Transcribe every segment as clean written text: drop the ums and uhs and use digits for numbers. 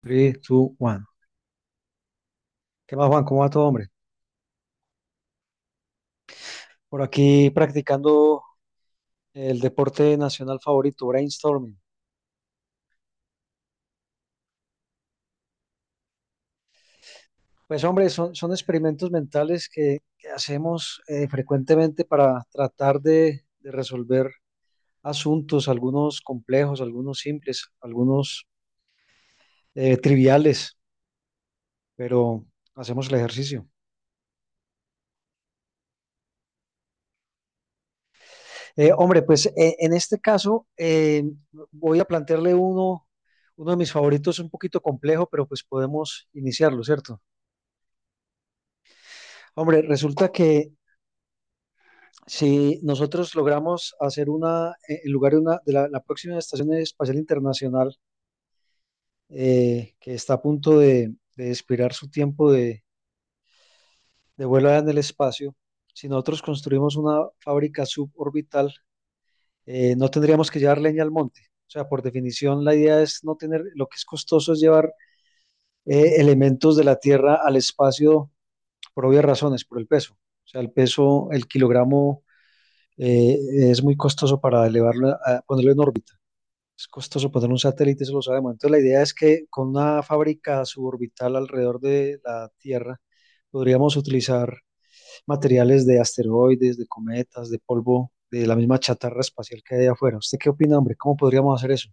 3, 2, 1. ¿Qué más, Juan? ¿Cómo va todo, hombre? Por aquí practicando el deporte nacional favorito, brainstorming. Pues, hombre, son experimentos mentales que hacemos frecuentemente para tratar de resolver asuntos, algunos complejos, algunos simples, algunos triviales, pero hacemos el ejercicio. Hombre, pues en este caso voy a plantearle uno de mis favoritos, un poquito complejo, pero pues podemos iniciarlo, ¿cierto? Hombre, resulta que si nosotros logramos hacer una, en lugar de una, de la próxima Estación Espacial Internacional, que está a punto de expirar su tiempo de vuelo allá en el espacio. Si nosotros construimos una fábrica suborbital, no tendríamos que llevar leña al monte. O sea, por definición, la idea es no tener, lo que es costoso es llevar elementos de la Tierra al espacio por obvias razones, por el peso. O sea, el peso, el kilogramo eh, es muy costoso para elevarlo, ponerlo en órbita. Es costoso poner un satélite, eso lo sabemos. Entonces, la idea es que con una fábrica suborbital alrededor de la Tierra podríamos utilizar materiales de asteroides, de cometas, de polvo, de la misma chatarra espacial que hay allá afuera. ¿Usted qué opina, hombre? ¿Cómo podríamos hacer eso?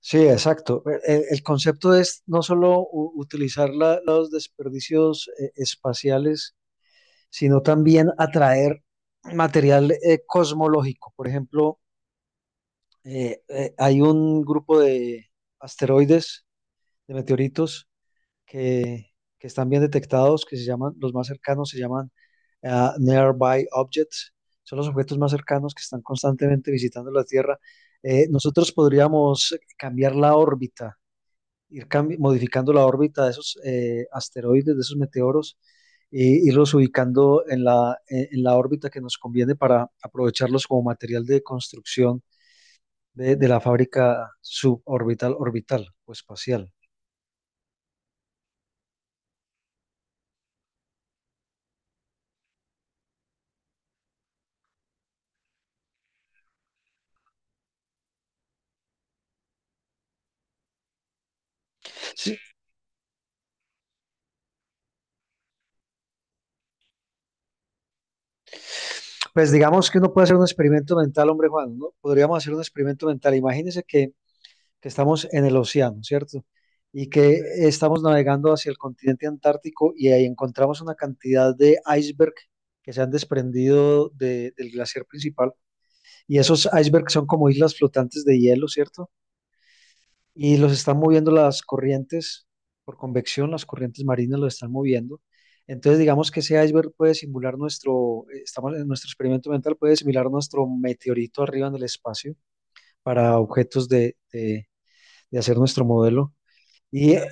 Sí, exacto. El concepto es no solo utilizar los desperdicios espaciales, sino también atraer material cosmológico. Por ejemplo, hay un grupo de asteroides, de meteoritos, que, que están bien detectados, que se llaman, los más cercanos se llaman Nearby Objects, son los objetos más cercanos que están constantemente visitando la Tierra. Nosotros podríamos cambiar la órbita, ir modificando la órbita de esos asteroides, de esos meteoros, e irlos ubicando en la, en la órbita que nos conviene para aprovecharlos como material de construcción de la fábrica suborbital, orbital o espacial. Sí, pues digamos que uno puede hacer un experimento mental, hombre Juan, ¿no? Podríamos hacer un experimento mental. Imagínese que, estamos en el océano, ¿cierto? Y que estamos navegando hacia el continente antártico y ahí encontramos una cantidad de iceberg que se han desprendido del glaciar principal. Y esos icebergs son como islas flotantes de hielo, ¿cierto? Y los están moviendo las corrientes por convección, las corrientes marinas los están moviendo. Entonces, digamos que ese iceberg puede simular nuestro, estamos en nuestro experimento mental, puede simular nuestro meteorito arriba en el espacio para objetos de hacer nuestro modelo. Y eh,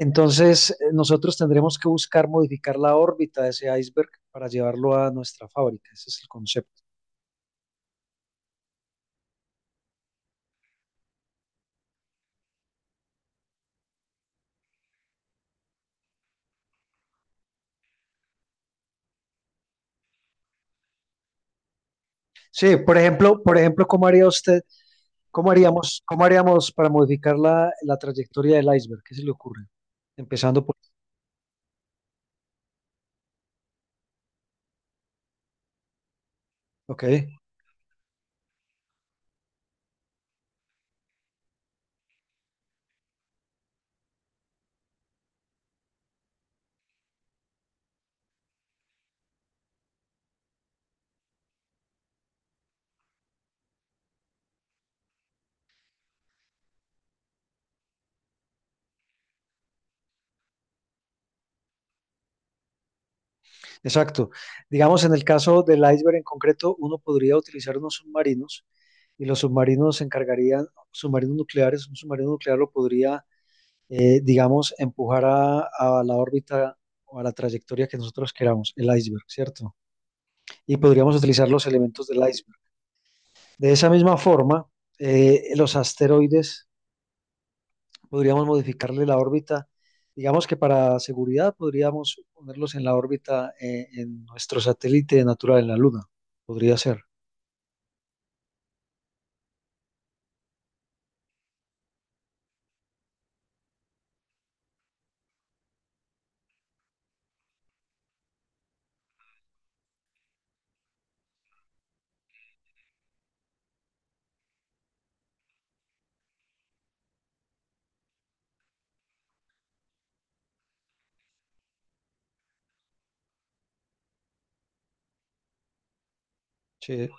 entonces, nosotros tendremos que buscar modificar la órbita de ese iceberg para llevarlo a nuestra fábrica. Ese es el concepto. Sí, por ejemplo, ¿Cómo haríamos, para modificar la trayectoria del iceberg? ¿Qué se le ocurre? Empezando por... Ok, exacto. Digamos, en el caso del iceberg en concreto, uno podría utilizar unos submarinos y los submarinos se encargarían, submarinos nucleares, un submarino nuclear lo podría, digamos, empujar a la órbita o a la trayectoria que nosotros queramos, el iceberg, ¿cierto? Y podríamos utilizar los elementos del iceberg. De esa misma forma, los asteroides podríamos modificarle la órbita. Digamos que para seguridad podríamos ponerlos en la órbita en nuestro satélite natural, en la Luna. Podría ser. Sí,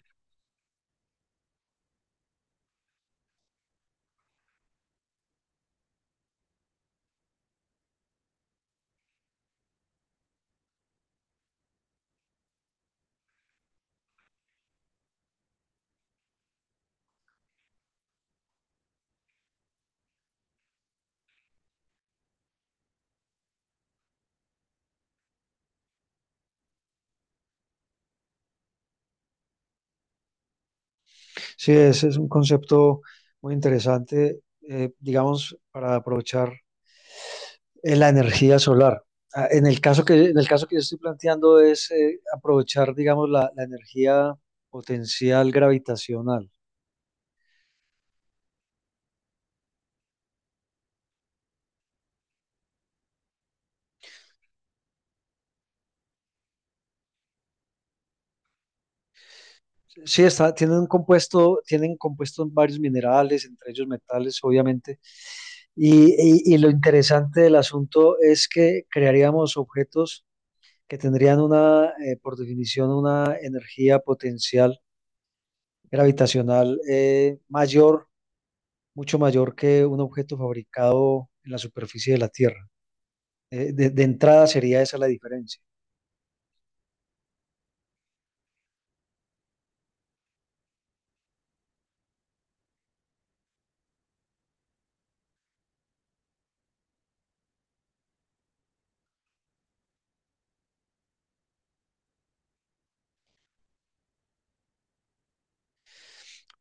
sí, ese es un concepto muy interesante, digamos, para aprovechar la energía solar. En el caso que yo estoy planteando es aprovechar, digamos, la energía potencial gravitacional. Sí, está, tienen un compuesto, tienen compuestos varios minerales, entre ellos metales, obviamente. Y, y lo interesante del asunto es que crearíamos objetos que tendrían una, por definición, una energía potencial gravitacional mayor, mucho mayor que un objeto fabricado en la superficie de la Tierra. De entrada sería esa la diferencia.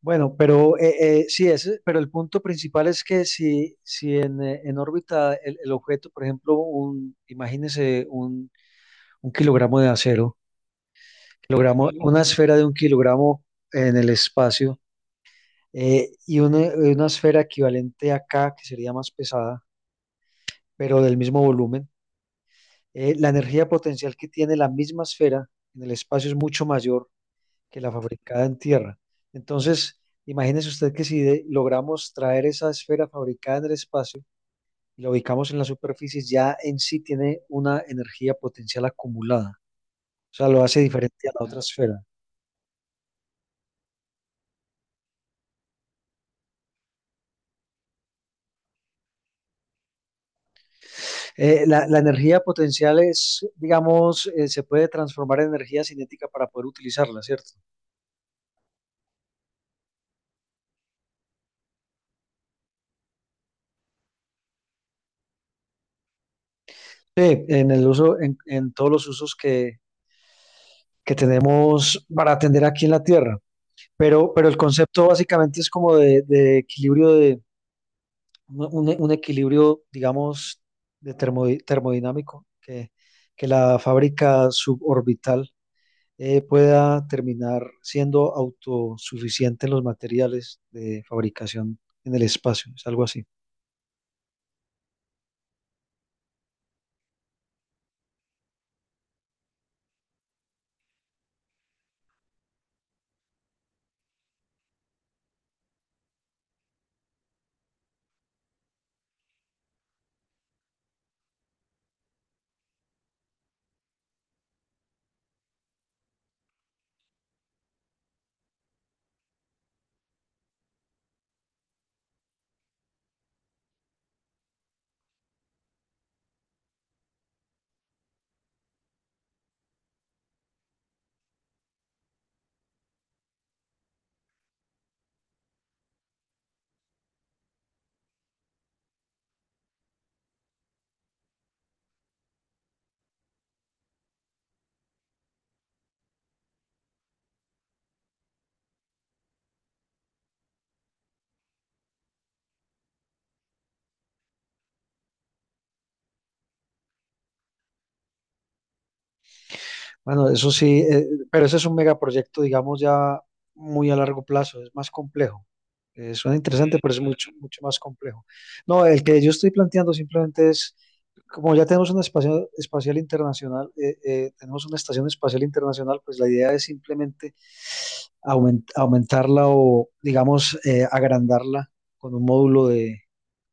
Bueno, pero sí, pero el punto principal es que si, en, órbita el objeto, por ejemplo, imagínese un kilogramo de acero, kilogramo, una esfera de un kilogramo en el espacio y una esfera equivalente a K, que sería más pesada, pero del mismo volumen. La energía potencial que tiene la misma esfera en el espacio es mucho mayor que la fabricada en tierra. Entonces, imagínese usted que si logramos traer esa esfera fabricada en el espacio y la ubicamos en la superficie, ya en sí tiene una energía potencial acumulada. O sea, lo hace diferente a la otra esfera. La energía potencial es, digamos, se puede transformar en energía cinética para poder utilizarla, ¿cierto? Sí, en el uso, en todos los usos que tenemos para atender aquí en la Tierra. Pero el concepto básicamente es como de, equilibrio de un equilibrio, digamos, de termodinámico que la fábrica suborbital pueda terminar siendo autosuficiente en los materiales de fabricación en el espacio. Es algo así. Bueno, eso sí, pero ese es un megaproyecto, digamos, ya muy a largo plazo, es más complejo. Suena interesante, pero es mucho, mucho más complejo. No, el que yo estoy planteando simplemente es, como ya tenemos una espacio- espacial internacional, tenemos una estación espacial internacional, pues la idea es simplemente aumentarla o, digamos, agrandarla con un módulo de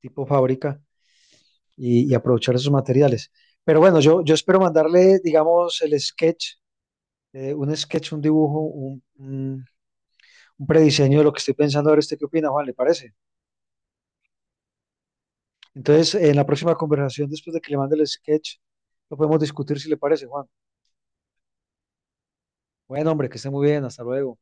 tipo fábrica y aprovechar esos materiales. Pero bueno, yo espero mandarle, digamos, el sketch, un sketch, un dibujo, un prediseño de lo que estoy pensando. A ver, ¿usted qué opina, Juan? ¿Le parece? Entonces, en la próxima conversación, después de que le mande el sketch, lo podemos discutir si le parece, Juan. Bueno, hombre, que esté muy bien. Hasta luego.